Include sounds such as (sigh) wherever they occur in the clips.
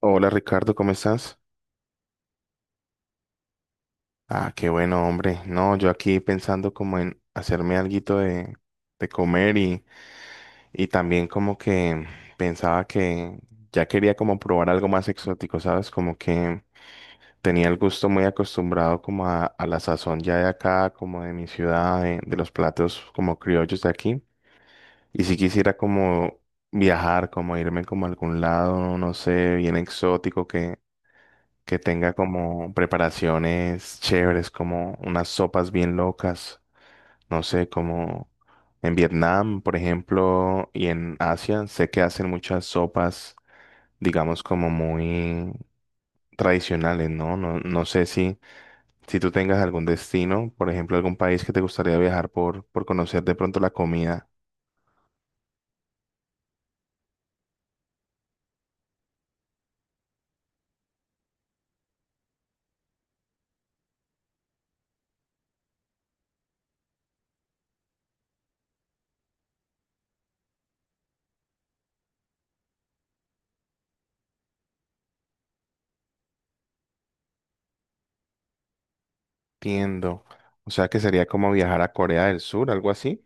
Hola Ricardo, ¿cómo estás? Ah, qué bueno, hombre. No, yo aquí pensando como en hacerme alguito de comer y también como que pensaba que ya quería como probar algo más exótico, ¿sabes? Como que tenía el gusto muy acostumbrado como a la sazón ya de acá, como de mi ciudad, de los platos como criollos de aquí. Y si quisiera como viajar, como irme como a algún lado, no sé, bien exótico que tenga como preparaciones chéveres, como unas sopas bien locas, no sé, como en Vietnam, por ejemplo, y en Asia, sé que hacen muchas sopas, digamos, como muy tradicionales, ¿no? No, sé si, si tú tengas algún destino, por ejemplo, algún país que te gustaría viajar por conocer de pronto la comida. Entiendo. O sea que sería como viajar a Corea del Sur, algo así.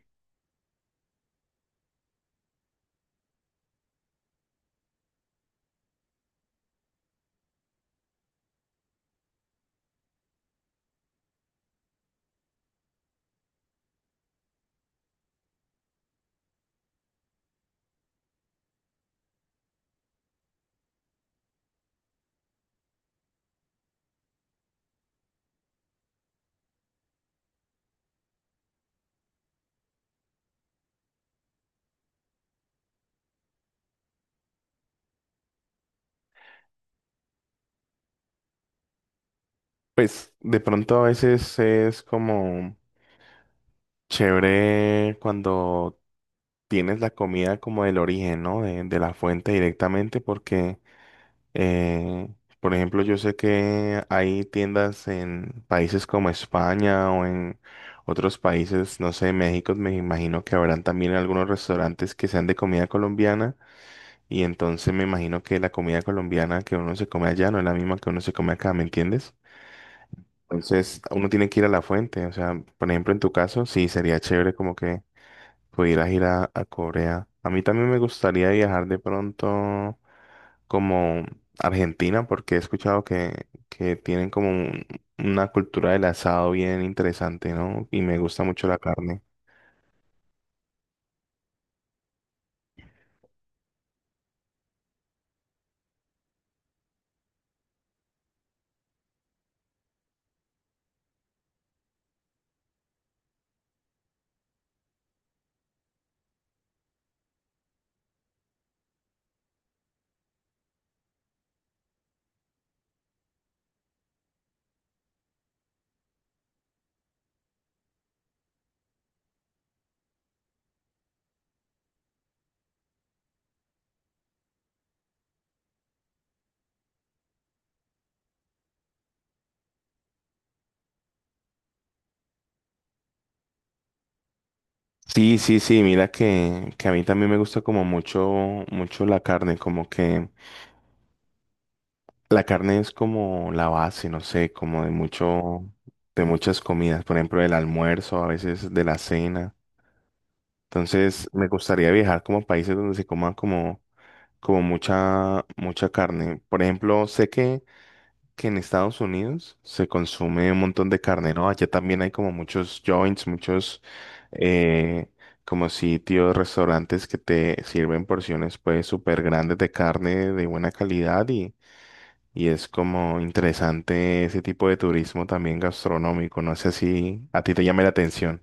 Pues de pronto a veces es como chévere cuando tienes la comida como del origen, ¿no? De la fuente directamente, porque, eh, por ejemplo, yo sé que hay tiendas en países como España o en otros países, no sé, México, me imagino que habrán también algunos restaurantes que sean de comida colombiana, y entonces me imagino que la comida colombiana que uno se come allá no es la misma que uno se come acá, ¿me entiendes? Entonces, uno tiene que ir a la fuente, o sea, por ejemplo, en tu caso, sí, sería chévere como que pudieras ir a Corea. A mí también me gustaría viajar de pronto como Argentina, porque he escuchado que tienen como una cultura del asado bien interesante, ¿no? Y me gusta mucho la carne. Sí, sí, sí, mira que a mí también me gusta como mucho, mucho la carne, como que la carne es como la base, no sé, como de mucho, de muchas comidas, por ejemplo, del almuerzo, a veces de la cena. Entonces, me gustaría viajar como a países donde se coman como mucha, mucha carne. Por ejemplo, sé que en Estados Unidos se consume un montón de carne, ¿no? Allá también hay como muchos joints, muchos eh, como sitios, restaurantes que te sirven porciones pues súper grandes de carne de buena calidad y es como interesante ese tipo de turismo también gastronómico. No sé si a ti te llame la atención.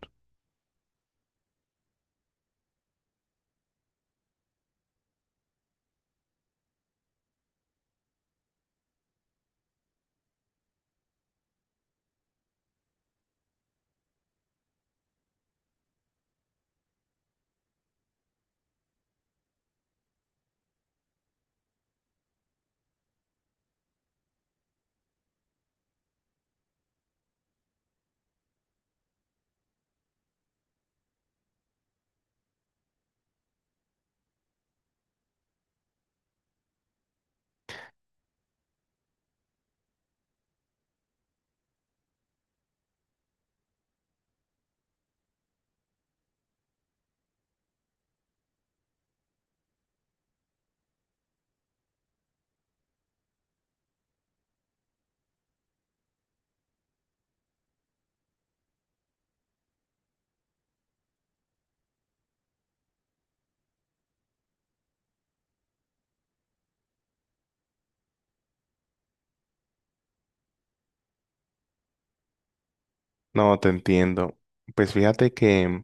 No, te entiendo. Pues fíjate que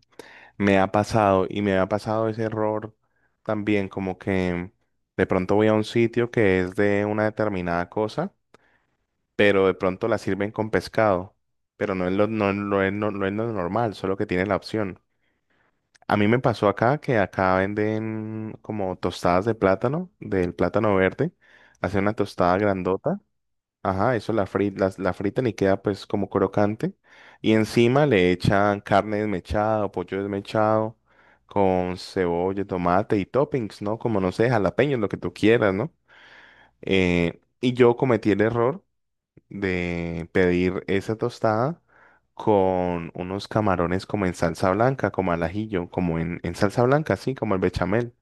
me ha pasado y me ha pasado ese error también, como que de pronto voy a un sitio que es de una determinada cosa, pero de pronto la sirven con pescado, pero no es lo normal, solo que tiene la opción. A mí me pasó acá que acá venden como tostadas de plátano, del plátano verde, hacen una tostada grandota. Ajá, eso la fritan y queda pues como crocante. Y encima le echan carne desmechada o pollo desmechado con cebolla, tomate y toppings, ¿no? Como no sé, jalapeños, lo que tú quieras, ¿no? Y yo cometí el error de pedir esa tostada con unos camarones como en salsa blanca, como al ajillo, como en salsa blanca, así como el bechamel.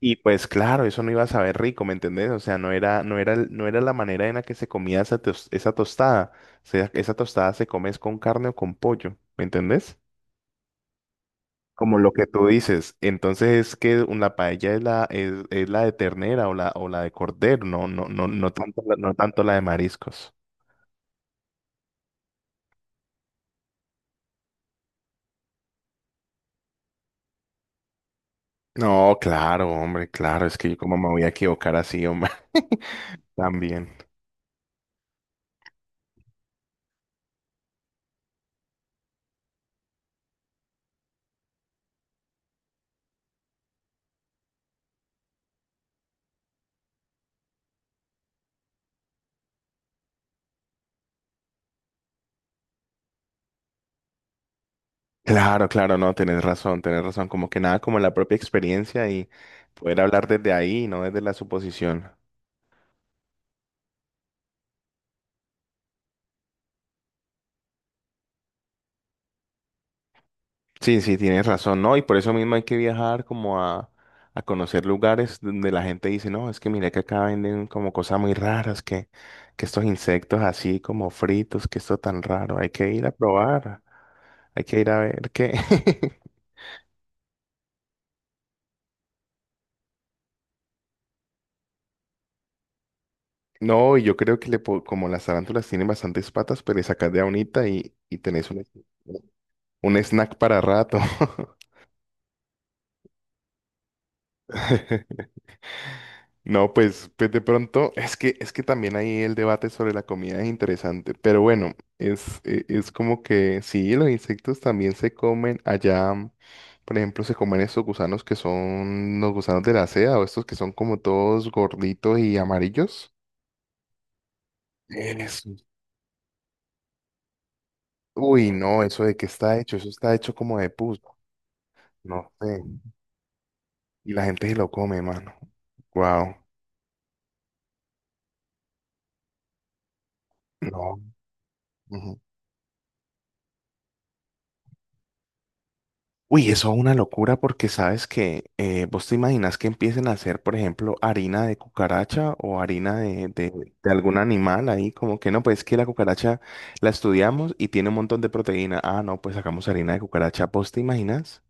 Y pues claro, eso no iba a saber rico, ¿me entendés? O sea, no era la manera en la que se comía esa tostada. O sea, esa tostada se come es con carne o con pollo, ¿me entendés? Como lo que tú dices. Entonces es que la paella es la de ternera o o la de cordero, no, no, no, no tanto no tanto la de mariscos. No, claro, hombre, claro, es que yo como me voy a equivocar así, hombre, (laughs) también. Claro, claro, no, tenés razón, como que nada como la propia experiencia y poder hablar desde ahí, no desde la suposición. Sí, sí, tienes razón, ¿no? Y por eso mismo hay que viajar como a conocer lugares donde la gente dice, no, es que mira que acá venden como cosas muy raras, que estos insectos así como fritos, que esto tan raro, hay que ir a probar, hay que ir a ver qué. (laughs) No, y yo creo que como las tarántulas tienen bastantes patas, pero le sacas de a unita y tenés una... un snack para rato. (laughs) No, pues, pues de pronto, es que también ahí el debate sobre la comida es interesante, pero bueno, es como que sí, los insectos también se comen allá, por ejemplo, se comen estos gusanos que son los gusanos de la seda o estos que son como todos gorditos y amarillos. Eso. Uy, no, eso de qué está hecho, eso está hecho como de pus, no sé, y la gente se lo come, mano. Wow. No. Uy, eso es una locura porque sabes que vos te imaginas que empiecen a hacer, por ejemplo, harina de cucaracha o harina de algún animal ahí, como que no, pues que la cucaracha la estudiamos y tiene un montón de proteína. Ah, no, pues sacamos harina de cucaracha. ¿Vos te imaginas?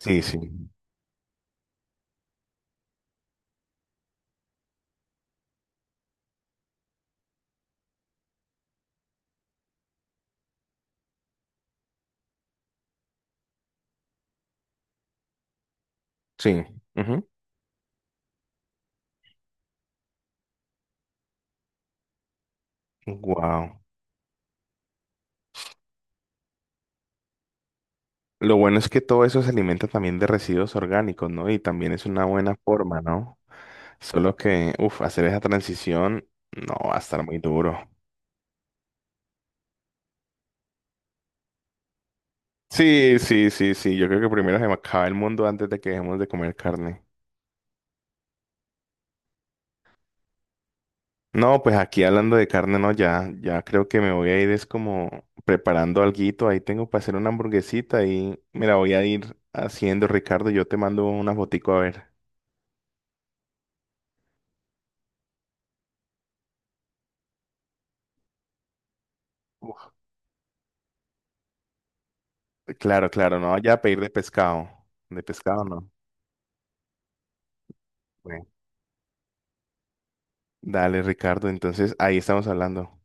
Sí, sí, sí. Wow. Lo bueno es que todo eso se alimenta también de residuos orgánicos, ¿no? Y también es una buena forma, ¿no? Solo que, uff, hacer esa transición no va a estar muy duro. Sí, sí, sí, sí. Yo creo que primero se me acaba el mundo antes de que dejemos de comer carne. No, pues aquí hablando de carne, no, ya creo que me voy a ir es como preparando alguito. Ahí tengo para hacer una hamburguesita y mira, voy a ir haciendo, Ricardo. Yo te mando una fotico a ver. Uf, claro, claro, no vaya a pedir de pescado. De pescado no. Bueno. Dale, Ricardo. Entonces ahí estamos hablando.